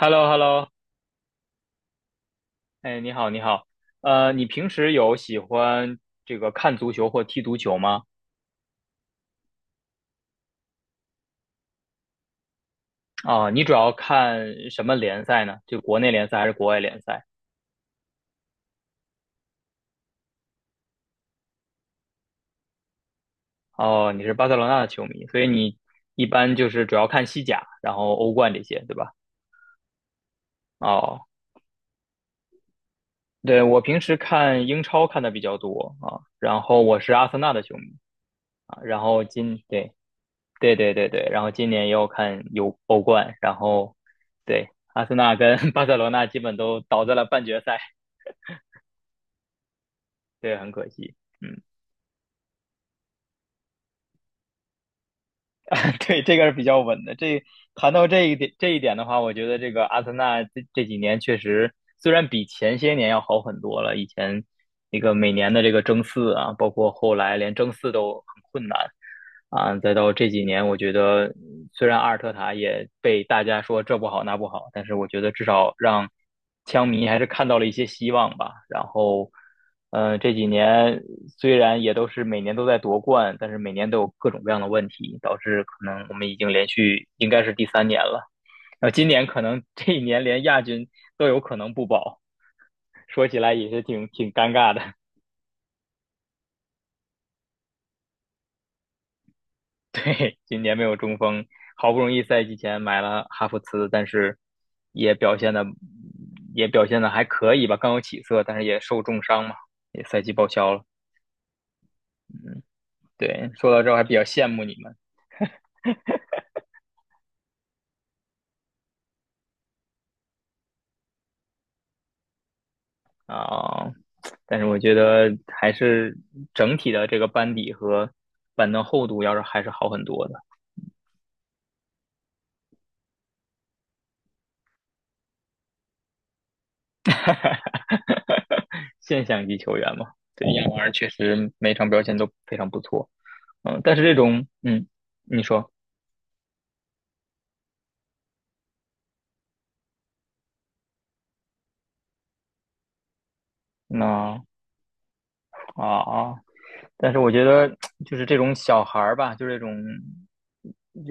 h e l l o h e l l o 哎，你好，你好，你平时有喜欢这个看足球或踢足球吗？啊、你主要看什么联赛呢？就国内联赛还是国外联赛？哦，你是巴塞罗那的球迷，所以你一般就是主要看西甲，然后欧冠这些，对吧？哦，对，我平时看英超看的比较多啊，然后我是阿森纳的球迷啊，然后对，对对对对，然后今年也有看有欧冠，然后对阿森纳跟 巴塞罗那基本都倒在了半决赛，对，很可惜。嗯，对，这个是比较稳的。谈到这一点的话，我觉得这个阿森纳这几年确实虽然比前些年要好很多了，以前那个每年的这个争四啊，包括后来连争四都困难啊。再到这几年，我觉得虽然阿尔特塔也被大家说这不好那不好，但是我觉得至少让枪迷还是看到了一些希望吧。然后，这几年虽然也都是每年都在夺冠，但是每年都有各种各样的问题，导致可能我们已经连续应该是第三年了。然后今年可能这一年连亚军都有可能不保，说起来也是挺尴尬的。对，今年没有中锋，好不容易赛季前买了哈弗茨，但是也表现的也表现的还可以吧，刚有起色，但是也受重伤嘛，也赛季报销了。对，说到这儿还比较羡慕你们啊，但是我觉得还是整体的这个班底和板凳厚度要是还是好很多的，现象级球员嘛。对，亚马确实每场表现都非常不错，嗯，但是这种你说那啊啊。但是我觉得就是这种小孩儿吧，就是这种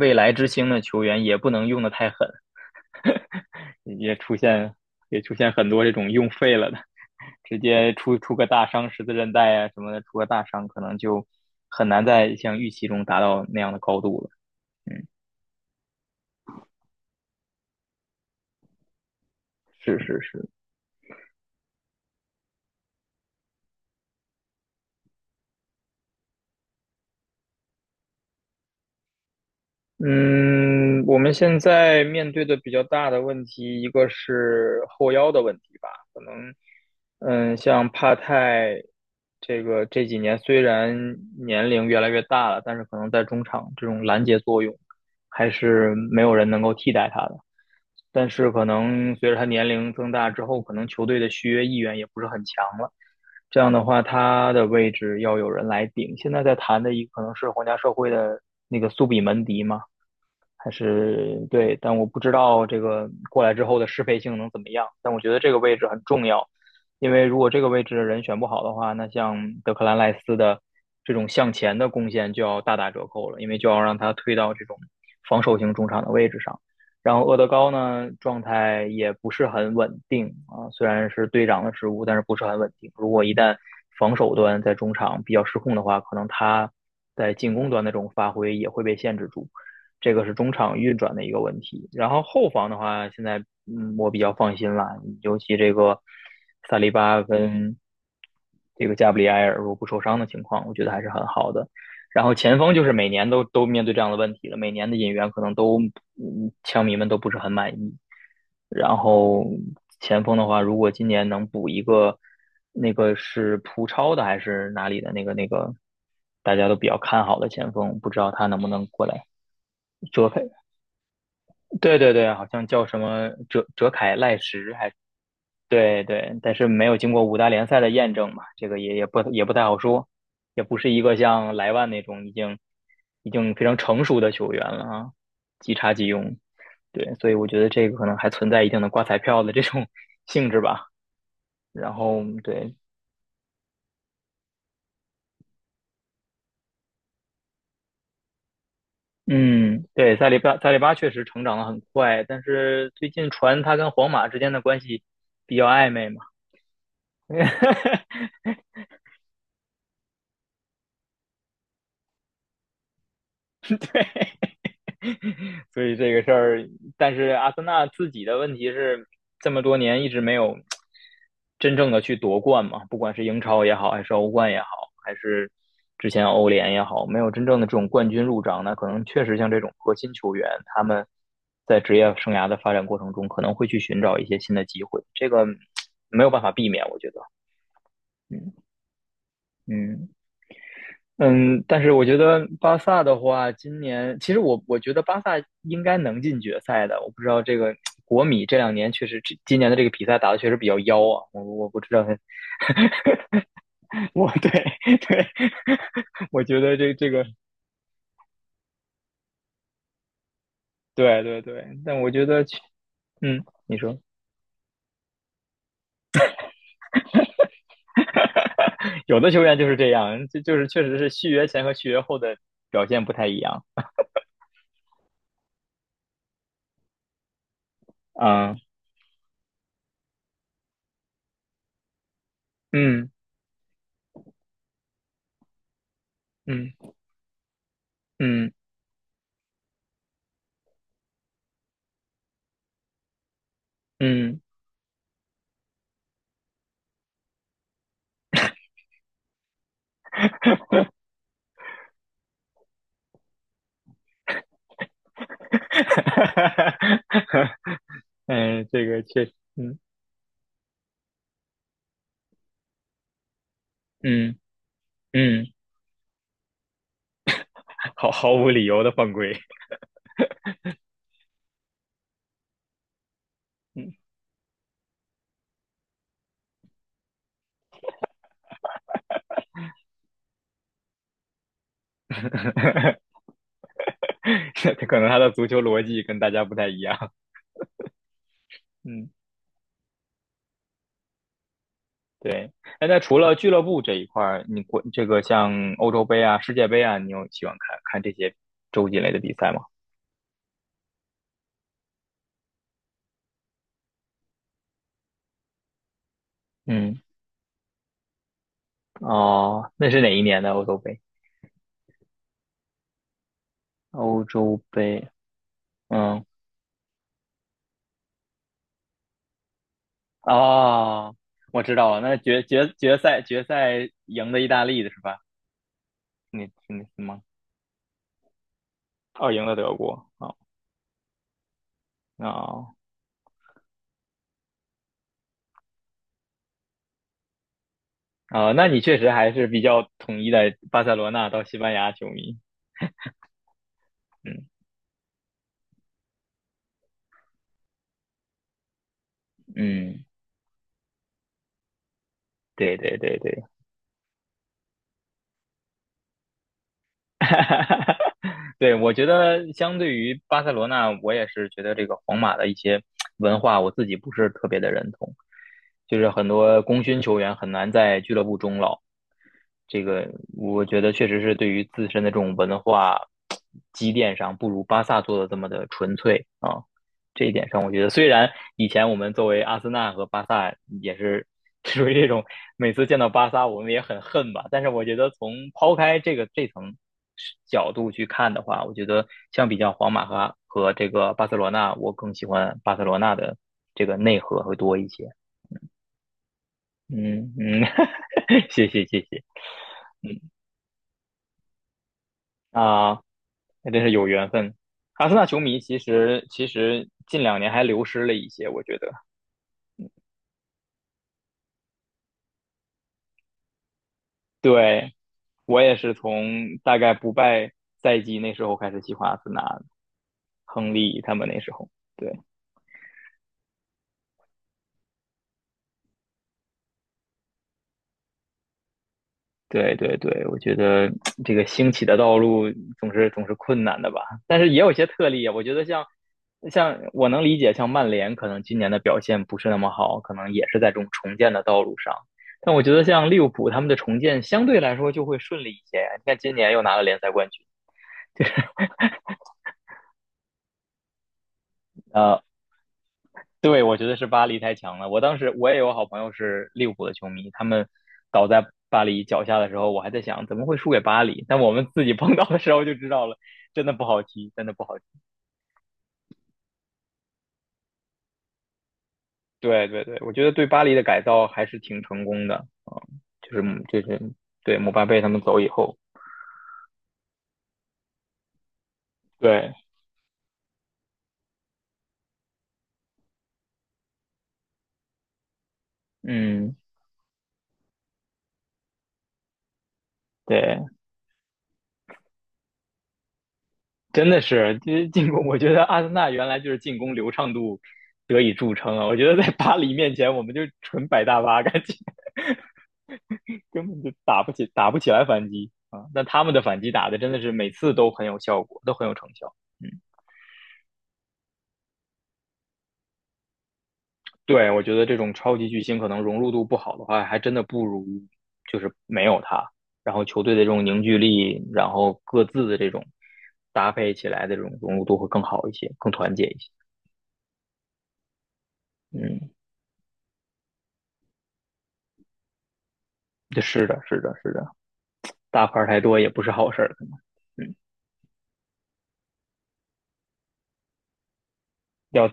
未来之星的球员，也不能用的太狠，也出现也出现很多这种用废了的，直接出个大伤，十字韧带啊什么的，出个大伤，可能就很难在像预期中达到那样的高度了。嗯，是是是。嗯，我们现在面对的比较大的问题，一个是后腰的问题吧，可能，嗯，像帕泰这个这几年虽然年龄越来越大了，但是可能在中场这种拦截作用还是没有人能够替代他的。但是可能随着他年龄增大之后，可能球队的续约意愿也不是很强了。这样的话，他的位置要有人来顶。现在在谈的一个可能是皇家社会的那个苏比门迪嘛。还是对，但我不知道这个过来之后的适配性能怎么样。但我觉得这个位置很重要，因为如果这个位置的人选不好的话，那像德克兰赖斯的这种向前的贡献就要大打折扣了，因为就要让他推到这种防守型中场的位置上。然后厄德高呢，状态也不是很稳定啊，虽然是队长的职务，但是不是很稳定。如果一旦防守端在中场比较失控的话，可能他在进攻端的这种发挥也会被限制住。这个是中场运转的一个问题。然后后防的话，现在我比较放心了，尤其这个萨利巴跟这个加布里埃尔如果不受伤的情况，我觉得还是很好的。然后前锋就是每年都面对这样的问题了，每年的引援可能都枪迷们都不是很满意。然后前锋的话，如果今年能补一个，那个是葡超的还是哪里的那个，大家都比较看好的前锋，不知道他能不能过来遮配。对对对，好像叫什么哲凯赖什还对对，但是没有经过五大联赛的验证嘛，这个也不太好说，也不是一个像莱万那种已经非常成熟的球员了啊，即插即用。对，所以我觉得这个可能还存在一定的刮彩票的这种 性质吧。然后对，嗯，对，塞利巴确实成长的很快，但是最近传他跟皇马之间的关系比较暧昧嘛。所以这个事儿，但是阿森纳自己的问题是这么多年一直没有真正的去夺冠嘛，不管是英超也好，还是欧冠也好，还是之前欧联也好，没有真正的这种冠军入账。那可能确实像这种核心球员，他们在职业生涯的发展过程中，可能会去寻找一些新的机会，这个没有办法避免，我觉得。嗯嗯，嗯，但是我觉得巴萨的话，今年其实我觉得巴萨应该能进决赛的。我不知道这个国米这两年确实，这今年的这个比赛打的确实比较妖啊。我不知道，我对 对，我觉得这个对对对，但我觉得去你说有的球员就是这样，就是确实是续约前和续约后的表现不太一样啊。嗯嗯嗯嗯，嗯 嗯，这个确实，嗯嗯嗯，毫无理由的犯规，嗯，可能他的足球逻辑跟大家不太一样，嗯，对。哎，那除了俱乐部这一块儿，这个像欧洲杯啊、世界杯啊，你有喜欢看看这些洲际类的比赛吗？嗯，哦，那是哪一年的欧洲杯？欧洲杯，嗯，哦，我知道了，那决赛赢的意大利的是吧？你是吗？哦，赢了德国啊，哦啊，那你确实还是比较统一的巴塞罗那到西班牙球迷。嗯嗯，对对对对。哈哈哈！对，我觉得相对于巴塞罗那，我也是觉得这个皇马的一些文化，我自己不是特别的认同，就是很多功勋球员很难在俱乐部终老。这个我觉得确实是对于自身的这种文化积淀上，不如巴萨做的这么的纯粹啊。这一点上，我觉得虽然以前我们作为阿森纳和巴萨也是 属于这种每次见到巴萨我们也很恨吧，但是我觉得从抛开这层角度去看的话，我觉得相比较皇马和这个巴塞罗那，我更喜欢巴塞罗那的这个内核会多一些。嗯嗯，谢谢谢谢啊，那真是有缘分。阿森纳球迷其实近两年还流失了一些，我觉得。对，我也是从大概不败赛季那时候开始喜欢阿森纳亨利他们那时候。对。对对对，我觉得这个兴起的道路总是困难的吧，但是也有一些特例啊。我觉得像我能理解，像曼联可能今年的表现不是那么好，可能也是在这种重建的道路上。但我觉得像利物浦他们的重建相对来说就会顺利一些。你看今年又拿了联赛冠军，对呃 对，我觉得是巴黎太强了。我当时我也有好朋友是利物浦的球迷，他们倒在巴黎脚下的时候，我还在想怎么会输给巴黎。但我们自己碰到的时候就知道了，真的不好踢，真的不好踢对对对，我觉得对巴黎的改造还是挺成功的啊，就是就是对姆巴佩他们走以后，对，嗯，对。真的是，其实进攻，我觉得阿森纳原来就是进攻流畅度得以著称啊。我觉得在巴黎面前，我们就纯摆大巴，感觉 根本就打不起，打不起来反击啊。但他们的反击打的真的是每次都很有效果，都很有成效。嗯，对，我觉得这种超级巨星可能融入度不好的话，还真的不如就是没有他。然后球队的这种凝聚力，然后各自的这种搭配起来的这种融入度会更好一些，更团结一些。嗯。对是的，是的，是的，大牌儿太多也不是好事儿，可能，嗯，要，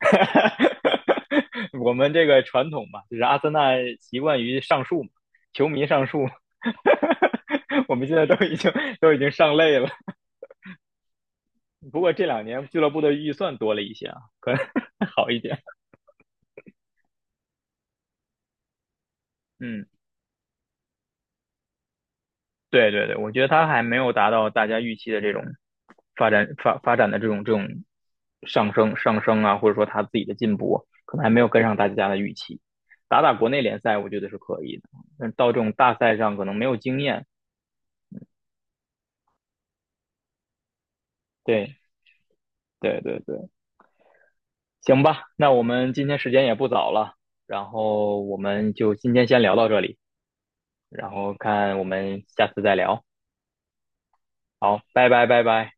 我们这个传统嘛，就是阿森纳习惯于上树嘛，球迷上树，我们现在都已经上累了。不过这两年俱乐部的预算多了一些啊，可能 好一点，嗯。对对对，我觉得他还没有达到大家预期的这种发展的这种上升啊，或者说他自己的进步，可能还没有跟上大家的预期。打国内联赛，我觉得是可以的，但到这种大赛上可能没有经验。对对对对，行吧，那我们今天时间也不早了，然后我们就今天先聊到这里，然后看我们下次再聊。好，拜拜拜拜。